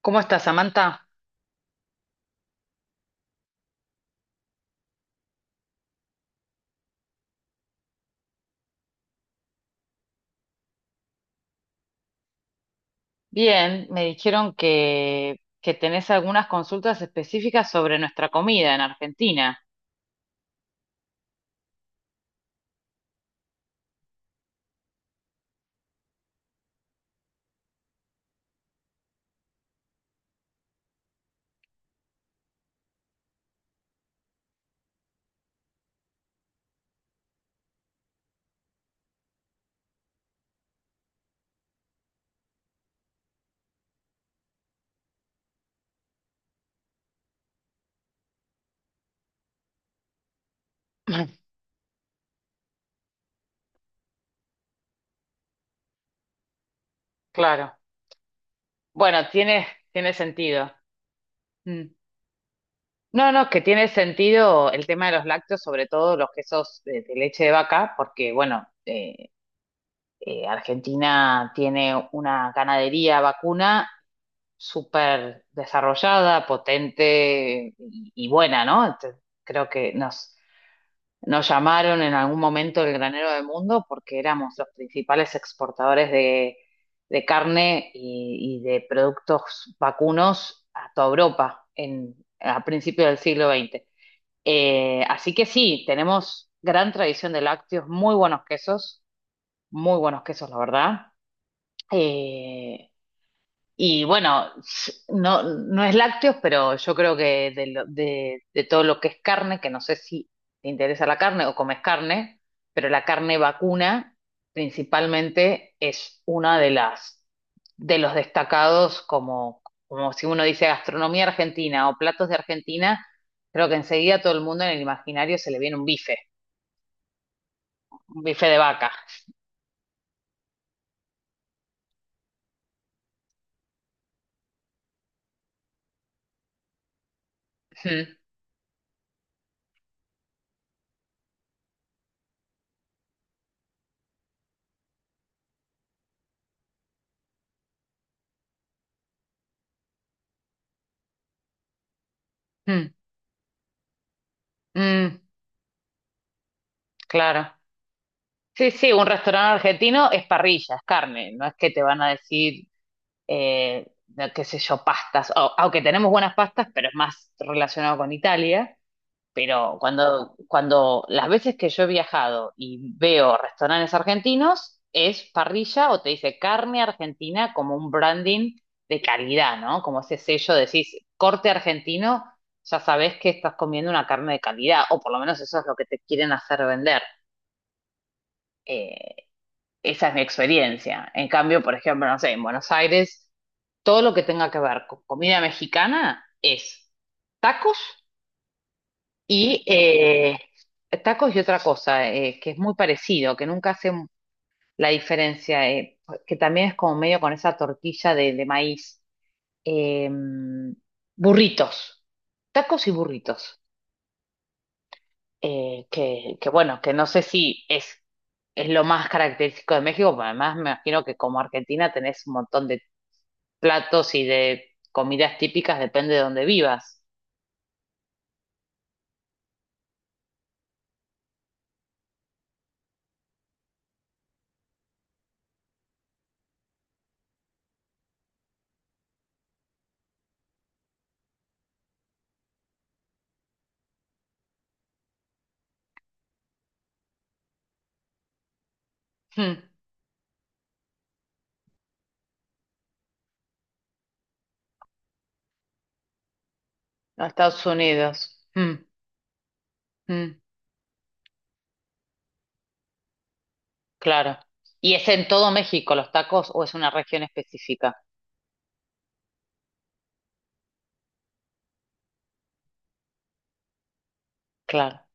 ¿Cómo estás, Samantha? Bien, me dijeron que tenés algunas consultas específicas sobre nuestra comida en Argentina. Claro. Bueno, tiene sentido. Mm. No, no, que tiene sentido el tema de los lácteos, sobre todo los quesos de leche de vaca, porque, bueno, Argentina tiene una ganadería vacuna súper desarrollada, potente y buena, ¿no? Entonces, creo que nos llamaron en algún momento el granero del mundo porque éramos los principales exportadores de carne y de productos vacunos a toda Europa en, a principios del siglo XX. Así que sí, tenemos gran tradición de lácteos, muy buenos quesos, la verdad. Eh, y bueno, no, no es lácteos, pero yo creo que de, de todo lo que es carne, que no sé si te interesa la carne o comes carne, pero la carne vacuna principalmente es una de las de los destacados como, como si uno dice gastronomía argentina o platos de Argentina, creo que enseguida a todo el mundo en el imaginario se le viene un bife de vaca. Mm, mm, mm, claro. Sí, sí, un restaurante argentino es parrilla, es carne, no es que te van a decir, no, qué sé yo, pastas, O- aunque tenemos buenas pastas, pero es más relacionado con Italia, pero cuando las veces que yo he viajado y veo restaurantes argentinos, es parrilla o te dice carne argentina como un branding de calidad, ¿no? Como ese sello, decís corte argentino, ya sabés que estás comiendo una carne de calidad, o por lo menos eso es lo que te quieren hacer vender. Eh, Esa es mi experiencia. En cambio, por ejemplo, no sé, en Buenos Aires, todo lo que tenga que ver con comida mexicana es tacos y tacos y otra cosa que es muy parecido, que nunca hace la diferencia, que también es como medio con esa tortilla de maíz. Eh, Burritos, tacos y burritos. Que bueno, que no sé si es lo más característico de México, pero además me imagino que como Argentina tenés un montón de platos y de comidas típicas depende de dónde vivas. Hmm, a Estados Unidos. Hmm, hmm, claro. ¿Y es en todo México los tacos o es una región específica? Claro.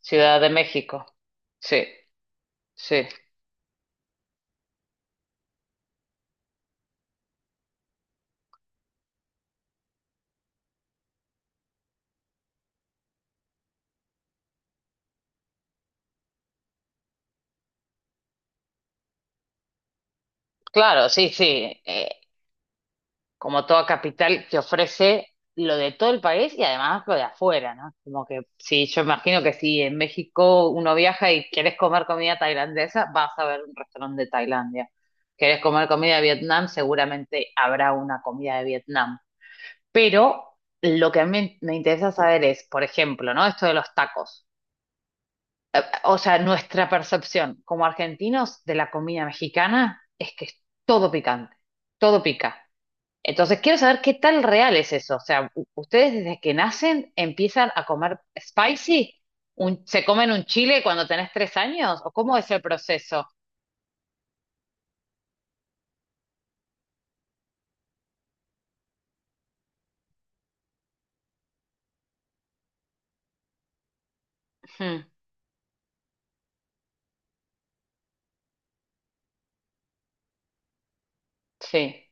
Ciudad de México. Sí, sí. Claro, sí, sí. Como toda capital que ofrece lo de todo el país y además lo de afuera, ¿no? Como que sí, yo imagino que si en México uno viaja y quieres comer comida tailandesa, vas a ver un restaurante de Tailandia. Quieres comer comida de Vietnam, seguramente habrá una comida de Vietnam. Pero lo que a mí me interesa saber es, por ejemplo, ¿no? Esto de los tacos. O sea, nuestra percepción como argentinos de la comida mexicana es que es todo picante, todo pica. Entonces, quiero saber qué tan real es eso. O sea, u- ustedes desde que nacen empiezan a comer spicy, ¿Un- se comen un chile cuando tenés tres años, ¿o cómo es el proceso? Ujú, sí,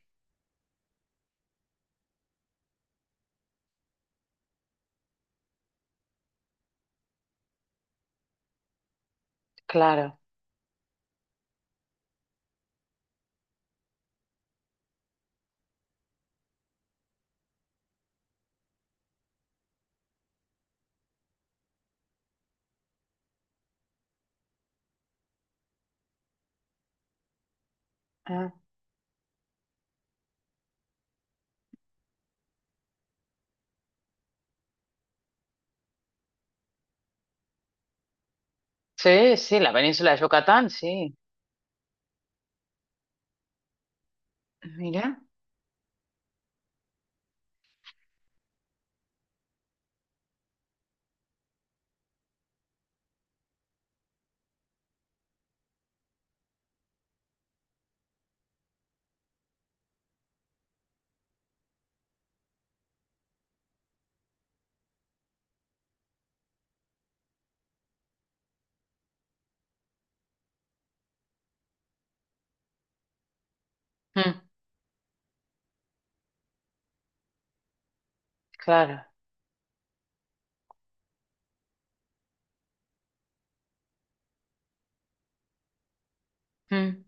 claro. Ah, sí, sí, la península de Yucatán, sí. Mira. Mm, claro. Mm.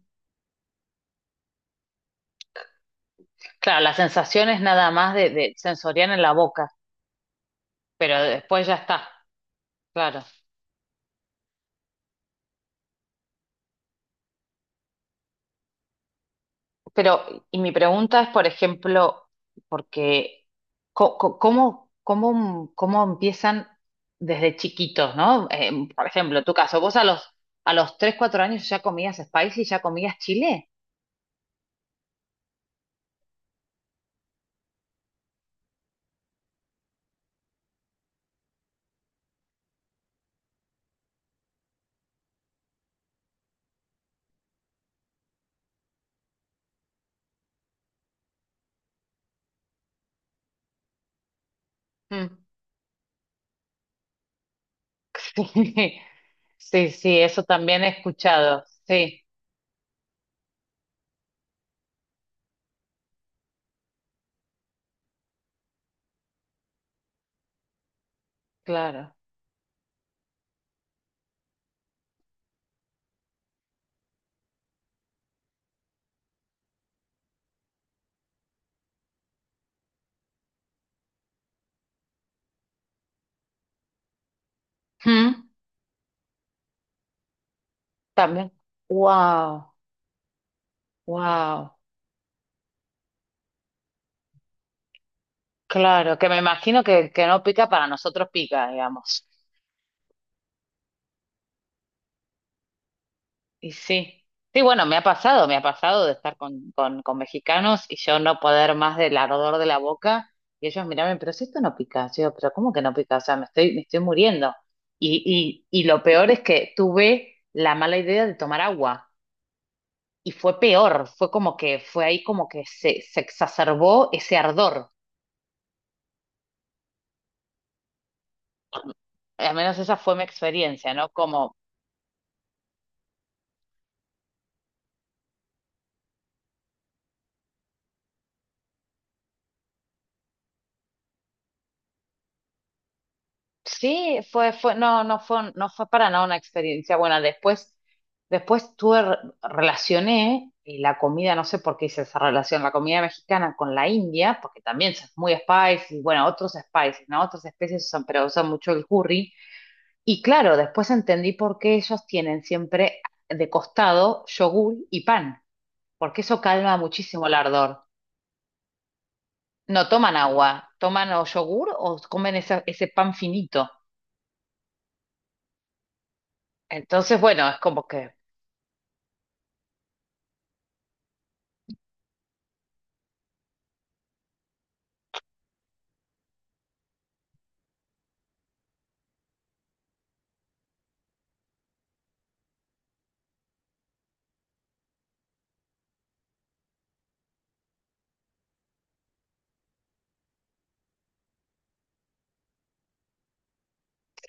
Claro, la sensación es nada más de sensorial en la boca, pero después ya está. Claro. Pero, y mi pregunta es, por ejemplo, porque co- co- ¿cómo, cómo, cómo empiezan desde chiquitos, ¿no? Por ejemplo, tu caso, vos a los 3 4 años ya comías spicy, ya comías chile. Mm. Sí, sí, sí, eso también he escuchado. Sí, claro. Mm, también. Wow, wow. Claro, que me imagino que el que no pica para nosotros pica, digamos. Y sí, sí, bueno, me ha pasado de estar con mexicanos y yo no poder más del ardor de la boca y ellos mirarme, pero si esto no pica, yo digo, pero ¿cómo que no pica? O sea, me estoy muriendo. Y lo peor es que tuve la mala idea de tomar agua y fue peor, fue como que fue ahí como que se exacerbó ese ardor. Al menos esa fue mi experiencia, ¿no? Como sí, no, no fue para nada una experiencia buena. Después, después tuve, relacioné y la comida, no sé por qué hice esa relación, la comida mexicana con la India, porque también es muy spicy, y bueno, otros spices, ¿no? Otras especies usan, pero usan mucho el curry. Y claro, después entendí por qué ellos tienen siempre de costado yogur y pan, porque eso calma muchísimo el ardor. No toman agua, toman o yogur o comen ese pan finito. Entonces, bueno, es como que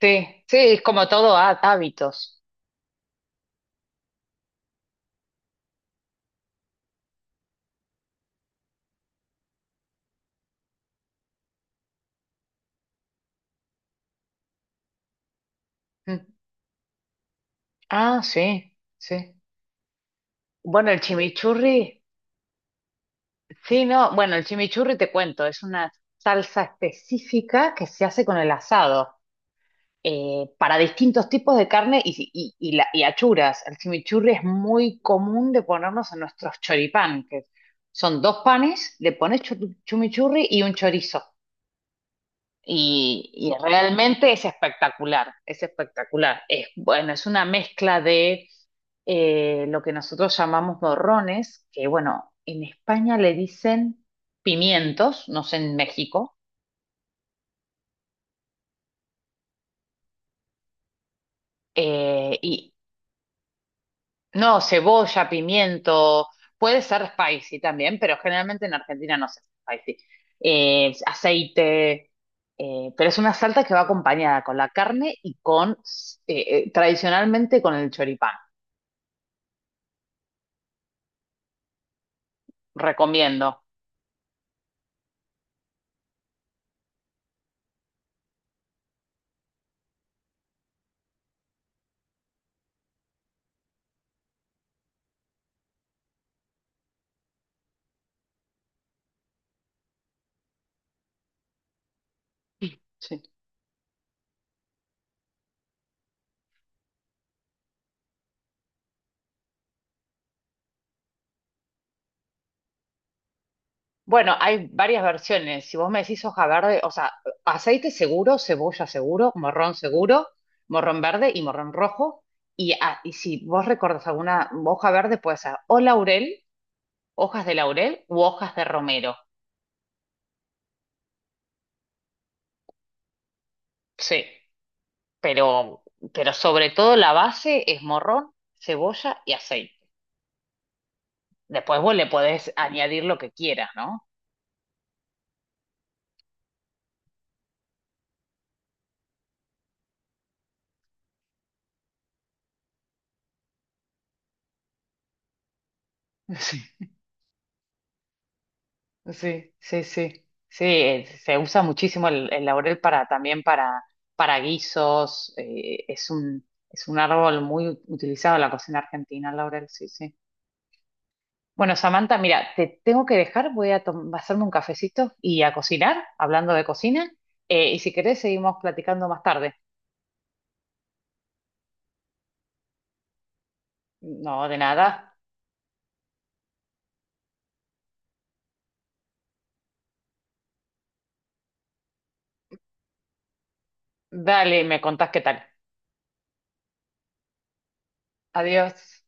sí, sí, es como todo hábitos. Mm. Ah, sí, sí. Bueno, el chimichurri, sí, no, bueno, el chimichurri te cuento, es una salsa específica que se hace con el asado, para distintos tipos de carne y achuras. El chimichurri es muy común de ponernos en nuestros choripán, que son dos panes, le pones chimichurri y un chorizo. Y realmente es espectacular, es espectacular. Es, bueno, es una mezcla de lo que nosotros llamamos morrones, que bueno, en España le dicen pimientos, no sé en México, eh, y no, cebolla, pimiento, puede ser spicy también, pero generalmente en Argentina no se hace spicy. Aceite, pero es una salsa que va acompañada con la carne y con, tradicionalmente con el choripán. Recomiendo. Sí. Bueno, hay varias versiones. Si vos me decís hoja verde, o sea, aceite seguro, cebolla seguro, morrón verde y morrón rojo. Y, y si vos recordás alguna hoja verde, puede ser o laurel, hojas de laurel u hojas de romero. Sí, pero, pero sobre todo la base es morrón, cebolla y aceite. Después vos le podés añadir lo que quieras, ¿no? Sí, sí, sí. Sí, se usa muchísimo el laurel para también para guisos. Es un árbol muy utilizado en la cocina argentina, el laurel, sí, sí. Bueno, Samantha, mira, te tengo que dejar, voy a hacerme un cafecito y a cocinar, hablando de cocina. Y si querés, seguimos platicando más tarde. No, de nada. Dale, me contás qué tal. Adiós.